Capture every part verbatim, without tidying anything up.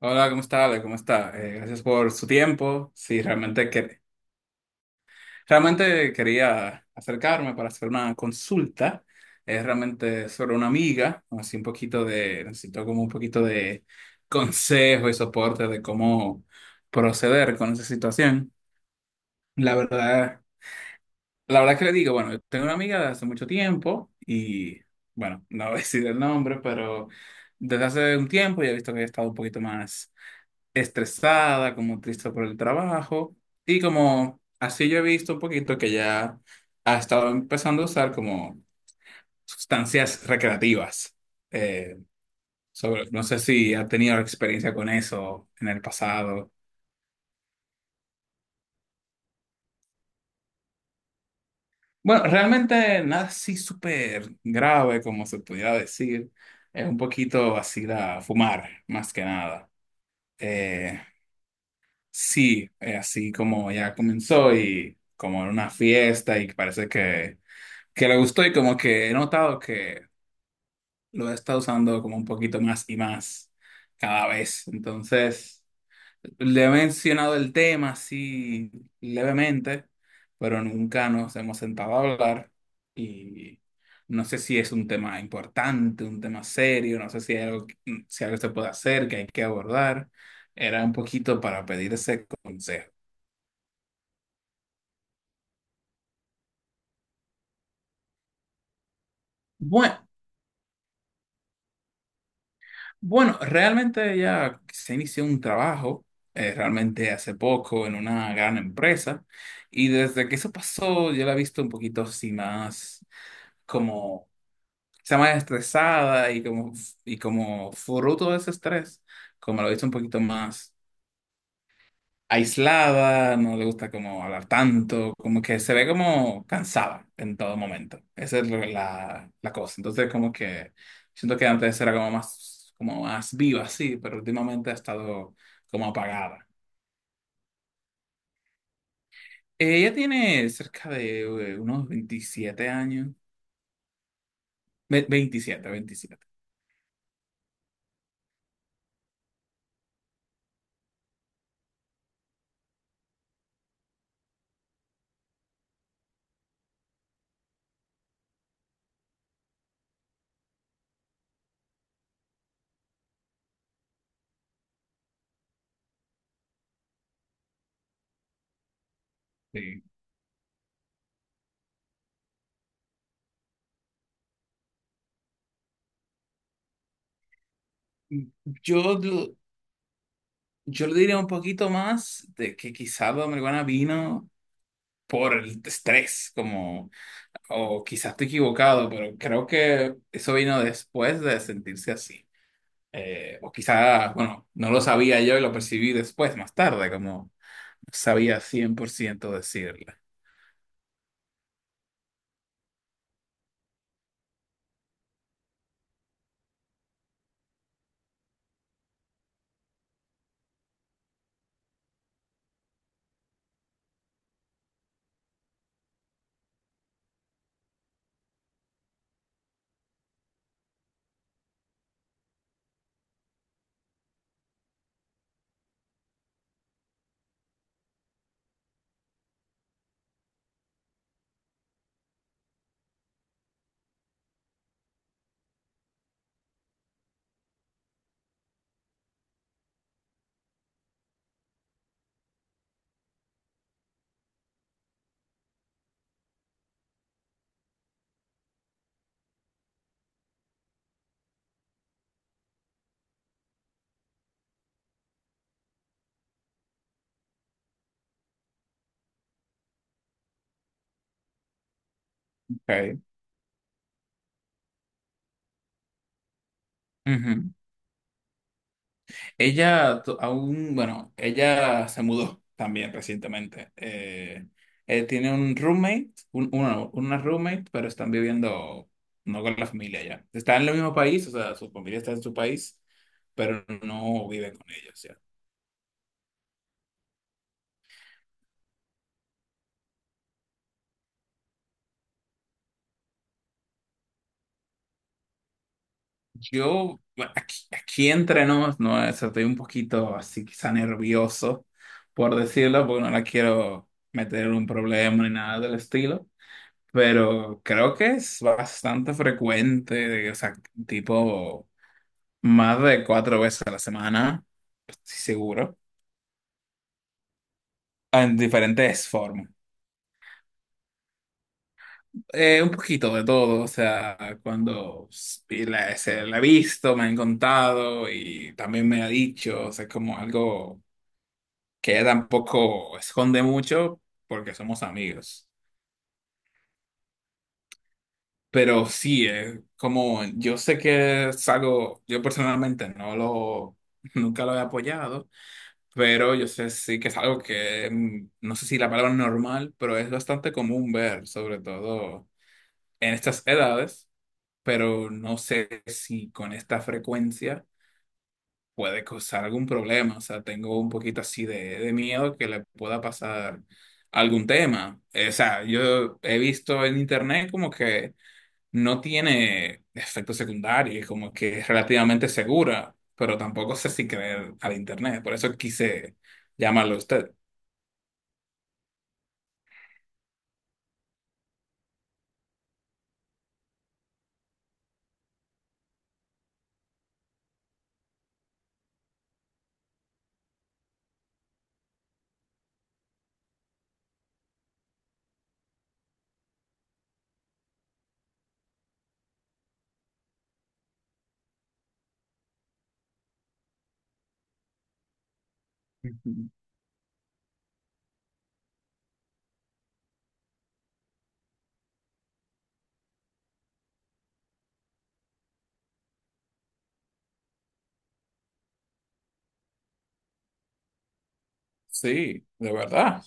Hola, ¿cómo está, Ale? ¿Cómo está? Eh, gracias por su tiempo. Sí, realmente, que, realmente quería acercarme para hacer una consulta. Es realmente sobre una amiga, así un poquito de, necesito como un poquito de consejo y soporte de cómo proceder con esa situación. La verdad, la verdad que le digo, bueno, yo tengo una amiga de hace mucho tiempo y, bueno, no voy a decir el nombre, pero desde hace un tiempo ya he visto que ella ha estado un poquito más estresada, como triste por el trabajo. Y como así yo he visto un poquito que ya ha estado empezando a usar como sustancias recreativas. Eh, sobre, no sé si ha tenido experiencia con eso en el pasado. Bueno, realmente nada así súper grave como se pudiera decir. Es un poquito así la fumar, más que nada. Eh, sí, eh, así como ya comenzó y como en una fiesta y parece que que le gustó y como que he notado que lo he estado usando como un poquito más y más cada vez. Entonces, le he mencionado el tema así levemente, pero nunca nos hemos sentado a hablar y no sé si es un tema importante, un tema serio, no sé si hay algo, que- mm, si algo se puede hacer, que hay que abordar. Era un poquito para pedir ese consejo. bueno Bueno, realmente ella se inició un trabajo, eh, realmente hace poco, en una gran empresa, y desde que eso pasó, yo la he visto un poquito así más como, está más estresada y como, y como fruto de ese estrés, como la he visto un poquito más aislada, no le gusta como hablar tanto, como que se ve como cansada en todo momento. Esa es lo- la, la cosa. Entonces, como que siento que antes era como más, como más viva, sí, pero últimamente ha estado como apagada. Eh, Ella tiene cerca de eh, unos veintisiete años. Ve- veintisiete, veintisiete. Sí. Yo, lo- yo le diría un poquito más de que quizá la marihuana vino por el estrés, como o quizás estoy equivocado, pero creo que eso vino después de sentirse así. Eh, o quizás, bueno, no lo sabía yo y lo percibí después, más tarde, como no sabía cien por ciento decirle. Ok. Ujú. Ella to- aún, bueno, ella se mudó también recientemente. Eh, eh, tiene un roommate, un, una, una roommate, pero están viviendo no con la familia ya. Están en el mismo país, o sea, su familia está en su país, pero no viven con ellos ya. Yo, bueno, aquí, aquí entre nos, no, o sea, estoy un poquito así quizá nervioso, por decirlo, porque no la quiero meter en un problema ni nada del estilo. Pero creo que es bastante frecuente, o sea, tipo más de cuatro veces a la semana, estoy seguro, en diferentes formas. Eh, un poquito de todo, o sea, cuando s- y la, se la he visto, me han contado y también me ha dicho, o sea, es como algo que ella tampoco esconde mucho porque somos amigos. Pero sí, eh, como yo sé que es algo, yo personalmente no lo, nunca lo he apoyado. Pero yo sé sí que es algo que, mm, no sé si la palabra normal, pero es bastante común ver, sobre todo en estas edades, pero no sé si con esta frecuencia puede causar algún problema. O sea, tengo un poquito así de, de miedo que le pueda pasar algún tema. Eh, O sea, yo he visto en internet como que no tiene efectos secundarios, como que es relativamente segura, pero tampoco sé si creer al internet. Por eso quise llamarlo a usted. Ujú. Sí, de verdad.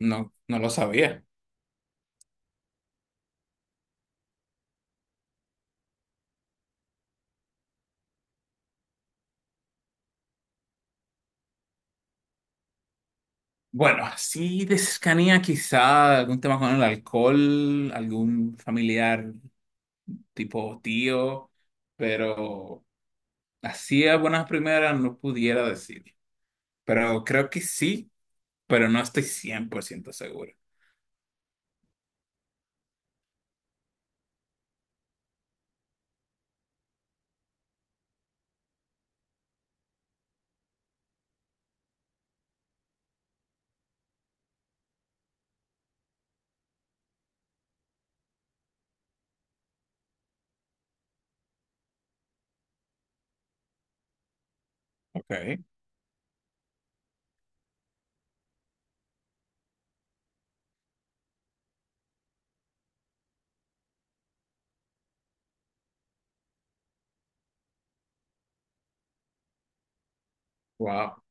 No, no lo sabía. Bueno, así de cercanía, quizá algún tema con el alcohol, algún familiar tipo tío, pero así a buenas primeras no pudiera decir. Pero creo que sí, pero no estoy cien por ciento seguro. Ok. Wow.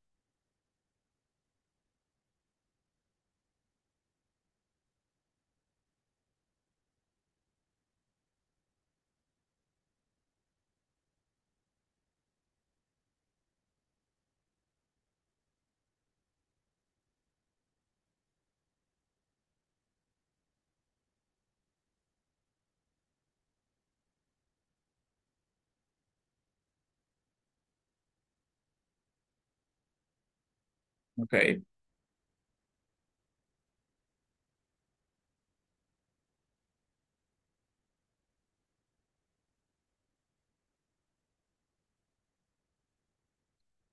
Ok.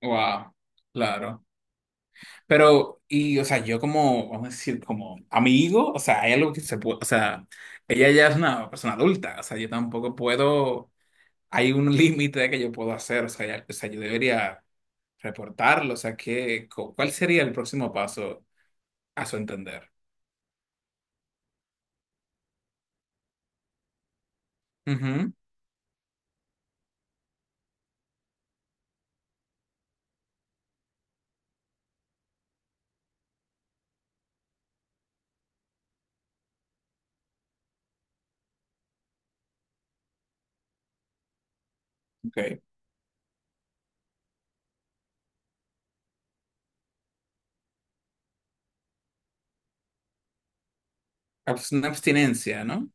Wow. Claro. Pero, y, o sea, yo como, vamos a decir, como amigo, o sea, hay algo que se puede, o sea, ella ya es una persona adulta, o sea, yo tampoco puedo, hay un límite que yo puedo hacer, o sea, ya- o sea, yo debería reportarlo, o sea, ¿qué, cu- cuál sería el próximo paso a su entender? Ujú, ok. Abs- Una abstinencia, ¿no?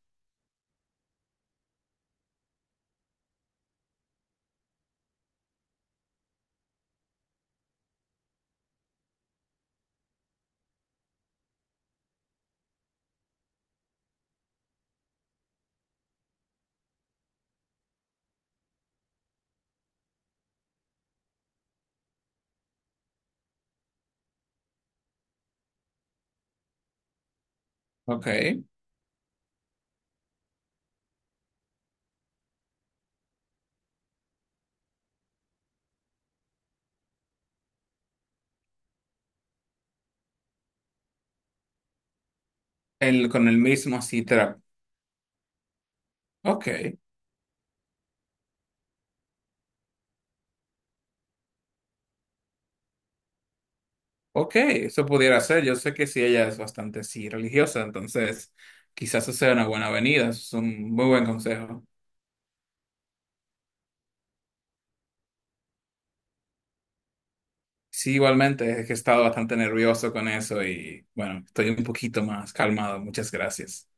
Ok. El, con el mismo citra. Ok. Ok, eso pudiera ser. Yo sé que sí, ella es bastante sí religiosa, entonces quizás eso sea una buena avenida. Eso es un muy buen consejo. Sí, igualmente, es que he estado bastante nervioso con eso y bueno, estoy un poquito más calmado. Muchas gracias.